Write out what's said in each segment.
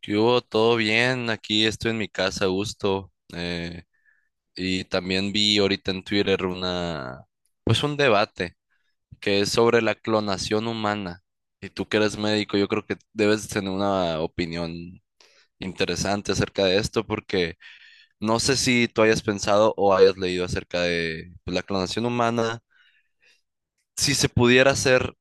¿Qué hubo? ¿Todo bien? Aquí estoy en mi casa a gusto. Y también vi ahorita en Twitter una, pues un debate que es sobre la clonación humana. Y tú que eres médico, yo creo que debes tener una opinión interesante acerca de esto, porque no sé si tú hayas pensado o hayas leído acerca de pues, la clonación humana. Si se pudiera hacer,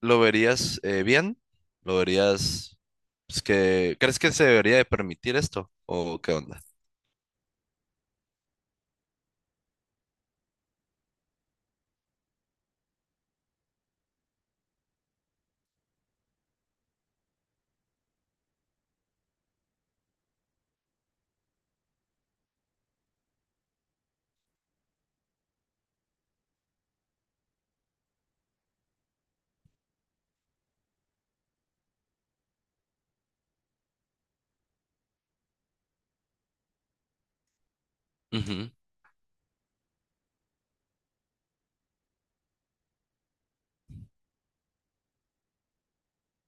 ¿lo verías bien? ¿Lo verías, pues, que, crees que se debería de permitir esto? ¿O qué onda? Ujú.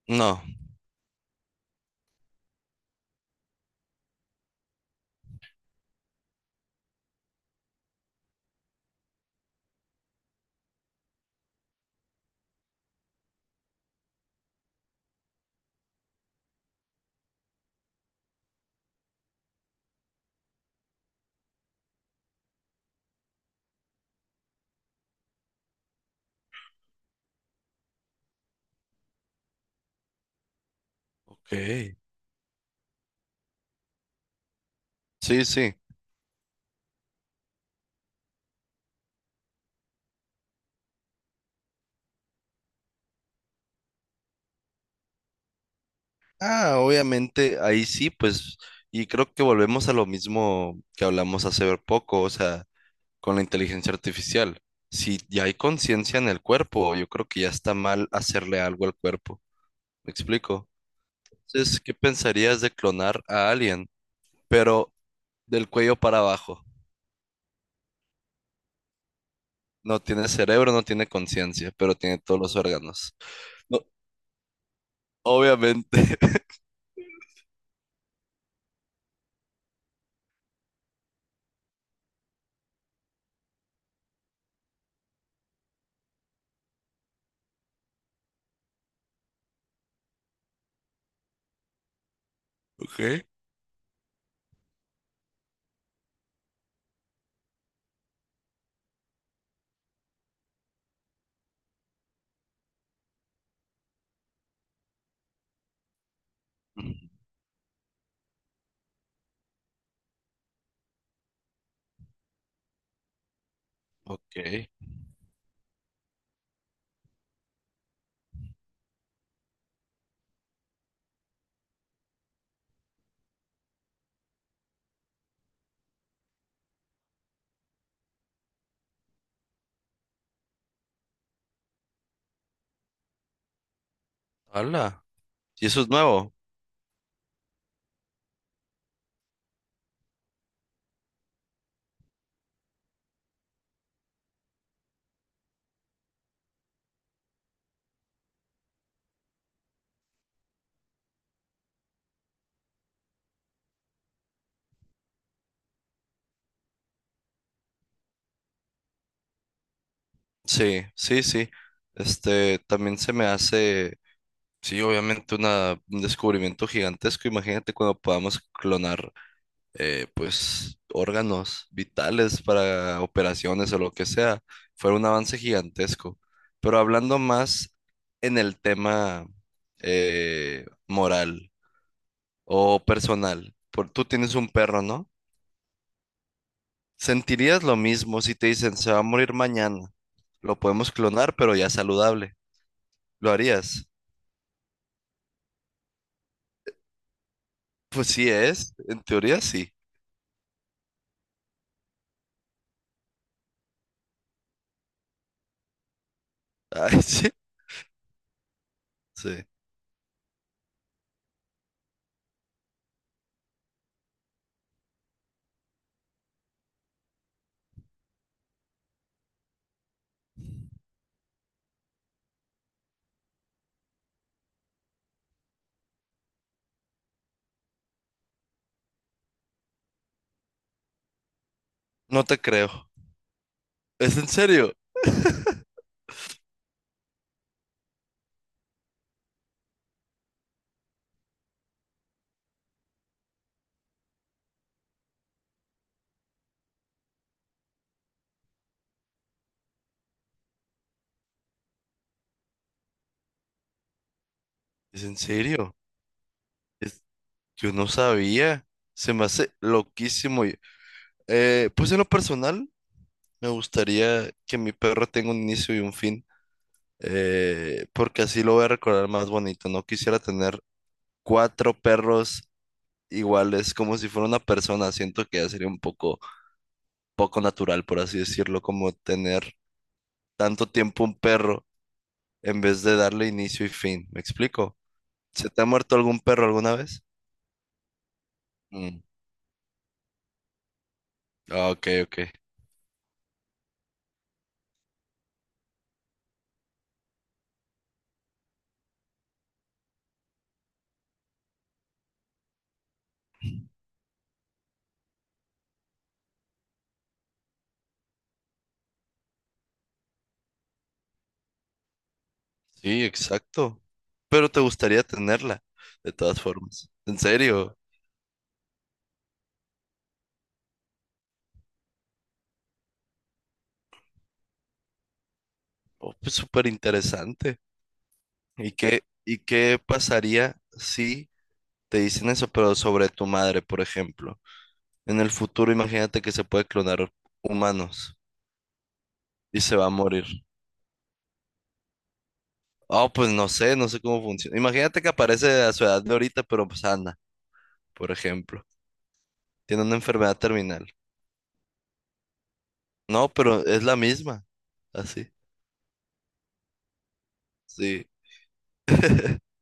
No, ok. Sí, sí. Ah, obviamente ahí sí, pues, y creo que volvemos a lo mismo que hablamos hace poco, o sea, con la inteligencia artificial. Si ya hay conciencia en el cuerpo, yo creo que ya está mal hacerle algo al cuerpo. ¿Me explico? Entonces, ¿qué pensarías de clonar a alguien, pero del cuello para abajo? No tiene cerebro, no tiene conciencia, pero tiene todos los órganos. No, obviamente. Ok. Ujú. Ok. Hala. Y eso es nuevo. Sí, sí, sí. Este, también se me hace, sí, obviamente una, un descubrimiento gigantesco. Imagínate cuando podamos clonar, pues, órganos vitales para operaciones o lo que sea. Fue un avance gigantesco. Pero hablando más en el tema moral o personal, por, tú tienes un perro, ¿no? ¿Sentirías lo mismo si te dicen se va a morir mañana? ¿Lo podemos clonar, pero ya saludable? ¿Lo harías? Pues sí es, en teoría sí. Ay, sí, sí. No te creo. ¿Es en serio? ¿Es en serio? Es- yo no sabía. Se me hace loquísimo. Y- pues en lo personal, me gustaría que mi perro tenga un inicio y un fin, porque así lo voy a recordar más bonito. No quisiera tener cuatro perros iguales, como si fuera una persona. Siento que ya sería un poco, poco natural, por así decirlo, como tener tanto tiempo un perro en vez de darle inicio y fin. ¿Me explico? ¿Se te ha muerto algún perro alguna vez? Mm, ah, ok, ok. Sí, exacto. Pero te gustaría tenerla, de todas formas. ¿En serio? Oh, pues súper interesante. Y qué pasaría si te dicen eso, pero sobre tu madre, por ejemplo? En el futuro, imagínate que se puede clonar humanos y se va a morir. Oh, pues no sé, no sé cómo funciona. Imagínate que aparece a su edad de ahorita, pero sana, por ejemplo. Tiene una enfermedad terminal. No, pero es la misma. Así. Sí.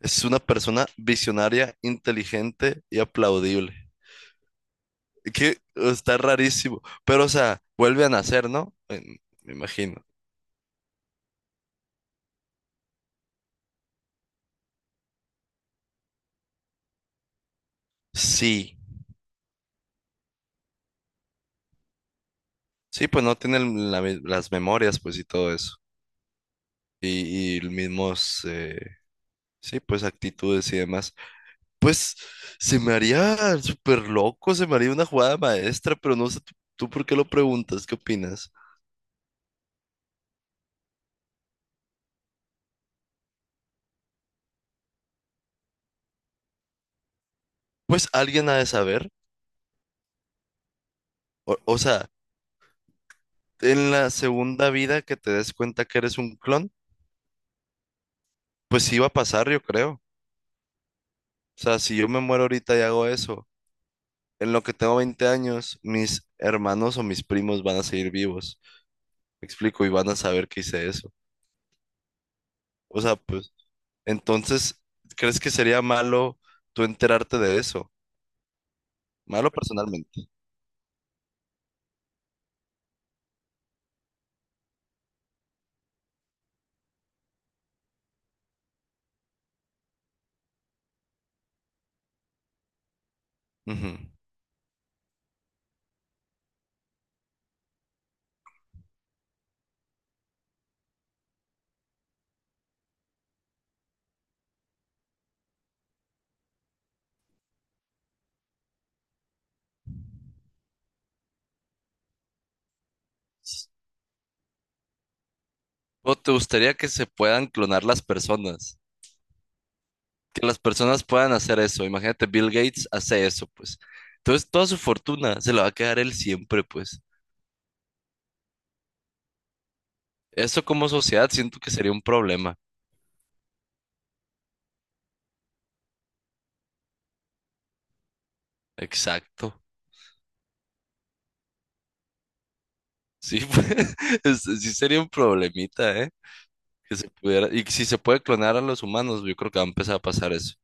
Es una persona visionaria, inteligente y aplaudible. Que está rarísimo. Pero, o sea, vuelve a nacer, ¿no? En- me imagino. Sí. Sí, pues no tiene el- la mi- las memorias, pues, y todo eso. Y el mismos, sí, pues, actitudes y demás. Pues, se me haría súper loco, se me haría una jugada maestra, pero no sé, ¿tú, tú por qué lo preguntas? ¿Qué opinas? Pues alguien ha de saber. O sea, en la segunda vida que te des cuenta que eres un clon, pues sí va a pasar, yo creo. O sea, si yo me muero ahorita y hago eso, en lo que tengo 20 años, mis hermanos o mis primos van a seguir vivos. Me explico, y van a saber que hice eso. O sea, pues, entonces, ¿crees que sería malo tú enterarte de eso? Malo personalmente. Ujú. ¿O te gustaría que se puedan clonar las personas? Que las personas puedan hacer eso. Imagínate, Bill Gates hace eso, pues. Entonces, toda su fortuna se la va a quedar él siempre, pues. Eso como sociedad siento que sería un problema. Exacto. Sí, pues, es- sí sería un problemita, ¿eh? Que se pudiera, y si se puede clonar a los humanos, yo creo que va a empezar a pasar eso.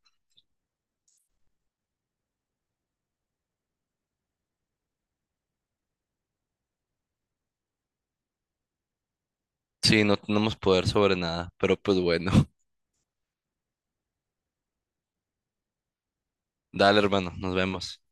Sí, no tenemos poder sobre nada, pero pues bueno. Dale, hermano, nos vemos.